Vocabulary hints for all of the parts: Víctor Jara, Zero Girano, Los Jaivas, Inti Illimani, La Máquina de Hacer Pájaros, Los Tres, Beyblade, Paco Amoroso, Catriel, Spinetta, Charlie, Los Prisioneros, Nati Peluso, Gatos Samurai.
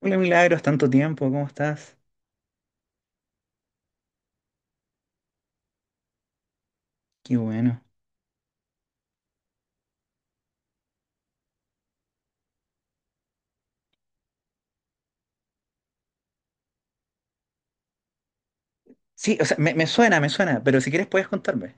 Hola Milagros, tanto tiempo, ¿cómo estás? Qué bueno. Sí, o sea, me suena, me suena, pero si quieres puedes contarme.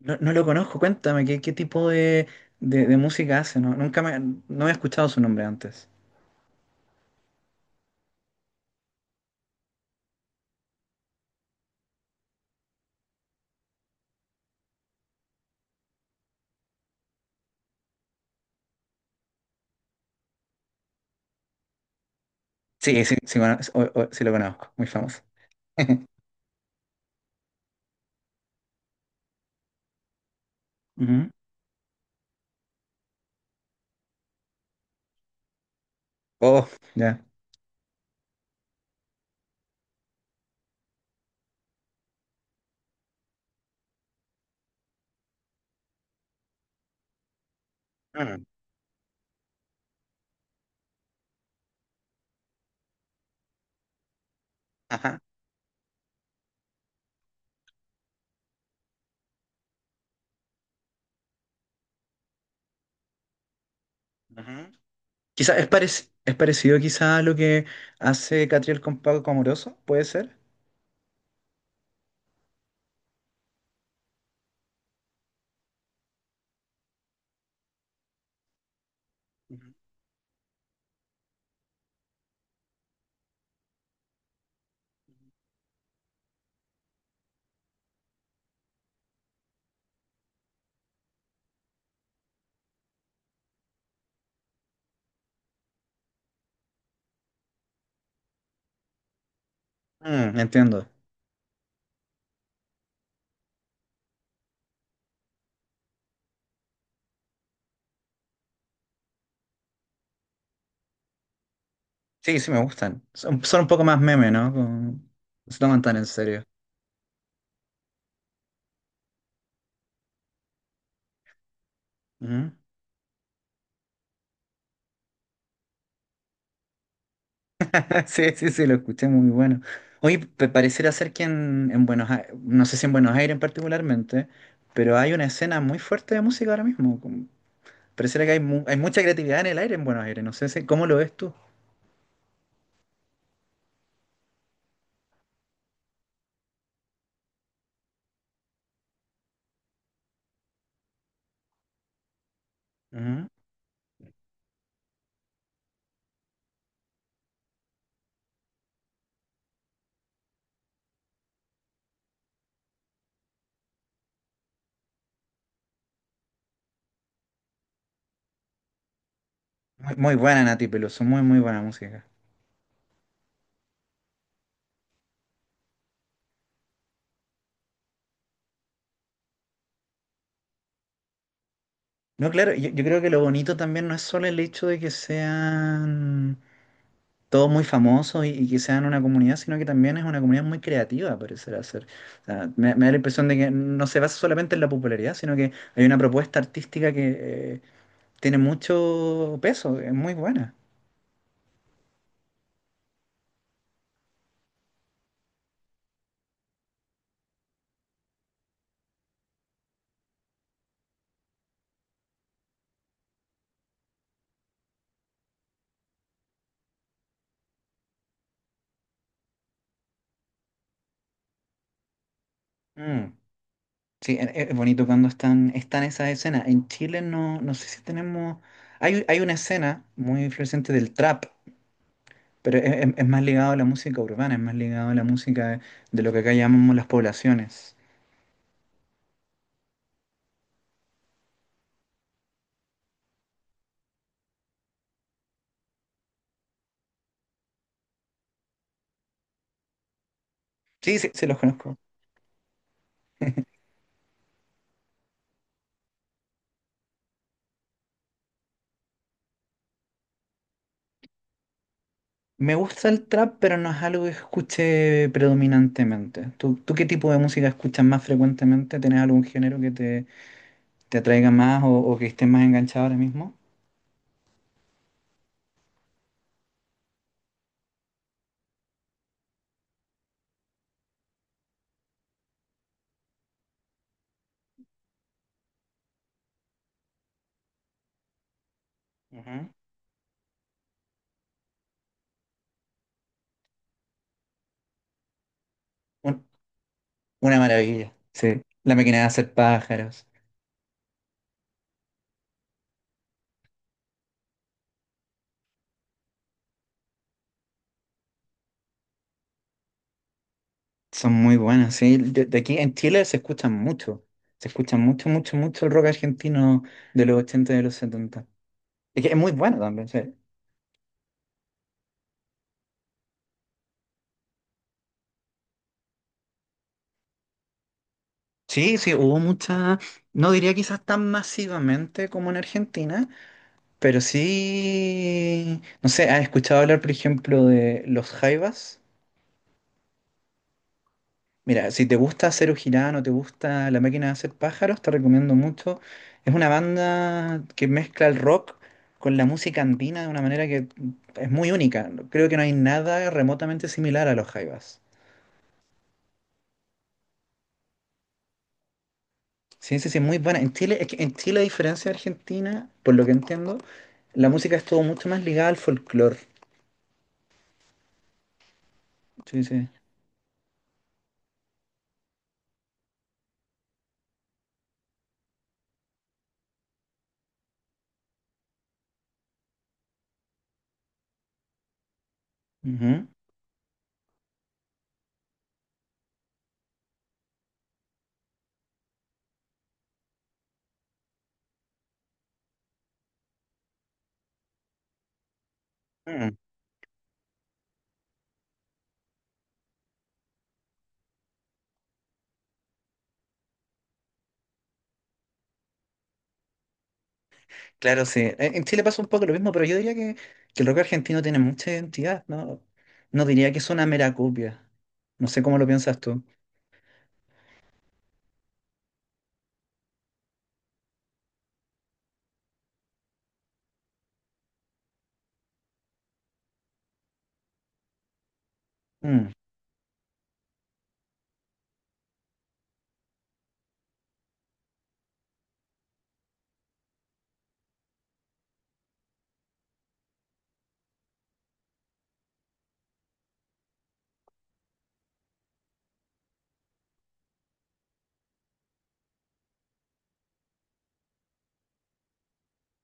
No, no lo conozco, cuéntame, ¿qué tipo de, de música hace? No, nunca me, no he escuchado su nombre antes. Sí, sí, sí, sí lo conozco, muy famoso. Ujú. Oh, ya. Mm. Ajá. Ujú. Quizá es, es parecido quizá a lo que hace Catriel con Paco Amoroso, ¿puede ser? Ujú. Mm, entiendo. Sí, sí me gustan. Son, son un poco más meme, ¿no? Como, no se toman tan en serio. Ujú. Sí, sí, sí, lo escuché, muy bueno. Oye, pareciera ser que en Buenos Aires, no sé si en Buenos Aires particularmente, pero hay una escena muy fuerte de música ahora mismo. Como, pareciera que hay, hay mucha creatividad en el aire en Buenos Aires, no sé si, ¿cómo lo ves tú? Ujú. Muy, muy buena Nati Peluso, muy, muy buena música. No, claro, yo creo que lo bonito también no es solo el hecho de que sean todos muy famosos y que sean una comunidad, sino que también es una comunidad muy creativa, parecerá ser. O sea, me da la impresión de que no se basa solamente en la popularidad, sino que hay una propuesta artística que tiene mucho peso, es muy buena. Mm. Sí, es bonito cuando están, están esas escenas. En Chile no, no sé si tenemos... Hay una escena muy influyente del trap, pero es, es más ligado a la música urbana, es más ligado a la música de lo que acá llamamos las poblaciones. Sí, sí, sí, los conozco. Me gusta el trap, pero no es algo que escuche predominantemente. ¿Tú, tú qué tipo de música escuchas más frecuentemente? ¿Tienes algún género que te atraiga más o que estés más enganchado ahora mismo? Ujú. Un- una maravilla, sí. La máquina de hacer pájaros. Son muy buenas, sí. De aquí en Chile se escuchan mucho. Se escucha mucho, mucho, mucho el rock argentino de los 80 y de los setenta. Es que es muy bueno también, sí. Sí, sí, hubo mucha, no diría quizás tan masivamente como en Argentina, pero sí, no sé, ¿has escuchado hablar, por ejemplo, de los jaivas? Mira, si te gusta Zero Girano, te gusta La Máquina de Hacer Pájaros, te recomiendo mucho. Es una banda que mezcla el rock con la música andina de una manera que es muy única. Creo que no hay nada remotamente similar a los jaivas. Sí, sí, sí, muy buena. En Chile, es que en Chile, a diferencia de Argentina, por lo que entiendo, la música estuvo mucho más ligada al folclore. Sí, sí. Ujú. Claro, sí. En Chile pasa un poco lo mismo, pero yo diría que el rock argentino tiene mucha identidad, ¿no? No diría que es una mera copia. No sé cómo lo piensas tú. Mm,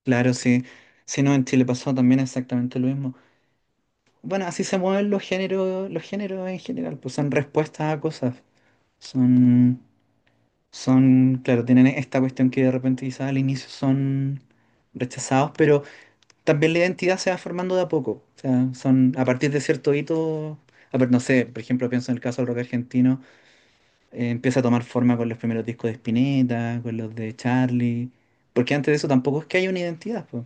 claro, sí. Si no, en Chile pasó también exactamente lo mismo. Bueno, así se mueven los géneros en general, pues son respuestas a cosas. Son, son, claro, tienen esta cuestión que de repente quizás al inicio son rechazados, pero también la identidad se va formando de a poco. O sea, son a partir de cierto hito, a ver, no sé, por ejemplo, pienso en el caso del rock argentino, empieza a tomar forma con los primeros discos de Spinetta, con los de Charlie, porque antes de eso tampoco es que haya una identidad, pues.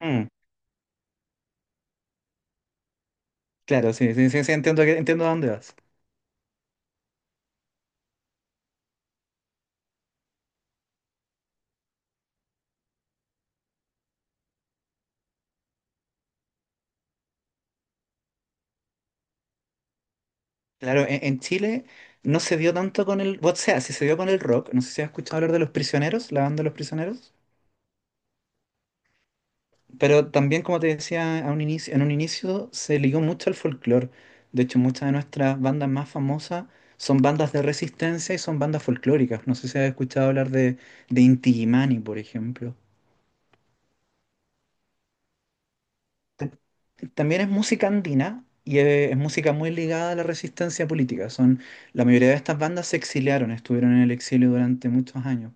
Mm, claro, sí, sí, sí, sí, entiendo, entiendo a dónde vas. Claro, en Chile no se dio tanto con el, o sea, sí se dio con el rock, no sé si has escuchado hablar de Los Prisioneros, la banda Los Prisioneros. Pero también, como te decía a un inicio, en un inicio se ligó mucho al folclore. De hecho, muchas de nuestras bandas más famosas son bandas de resistencia y son bandas folclóricas. No sé si has escuchado hablar de Inti Illimani, por ejemplo. Ta- También es música andina y es música muy ligada a la resistencia política. Son, la mayoría de estas bandas se exiliaron, estuvieron en el exilio durante muchos años.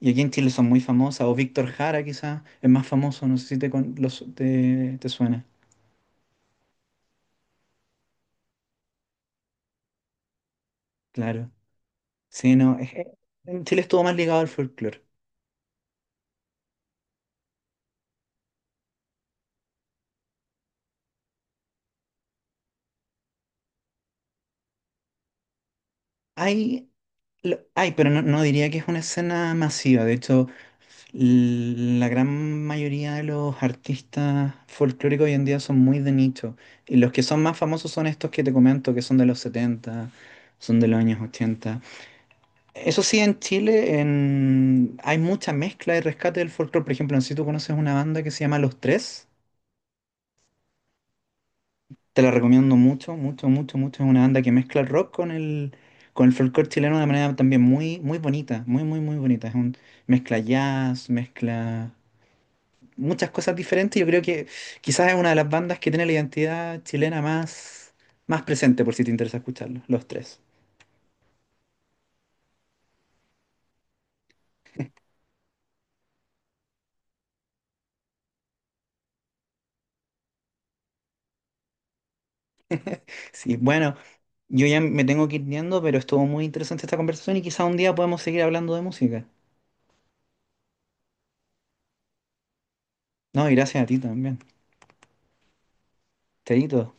Y aquí en Chile son muy famosas, o Víctor Jara quizás es más famoso, no sé si te, te te suena. Claro. Sí, no, es que en Chile estuvo más ligado al folclore. Hay, hay, pero no, no diría que es una escena masiva. De hecho, la gran mayoría de los artistas folclóricos hoy en día son muy de nicho. Y los que son más famosos son estos que te comento, que son de los 70, son de los años 80. Eso sí, en Chile hay mucha mezcla y rescate del folclore. Por ejemplo, no sé si tú conoces una banda que se llama Los Tres. Te la recomiendo mucho, mucho, mucho, mucho. Es una banda que mezcla el rock con el folclore chileno de manera también muy, muy bonita, muy, muy, muy bonita. Es un mezcla jazz, mezcla muchas cosas diferentes. Yo creo que quizás es una de las bandas que tiene la identidad chilena más, más presente, por si te interesa escucharlo, los tres. Sí, bueno, yo ya me tengo que ir yendo, pero estuvo muy interesante esta conversación y quizás un día podemos seguir hablando de música. No, y gracias a ti también. Chaito.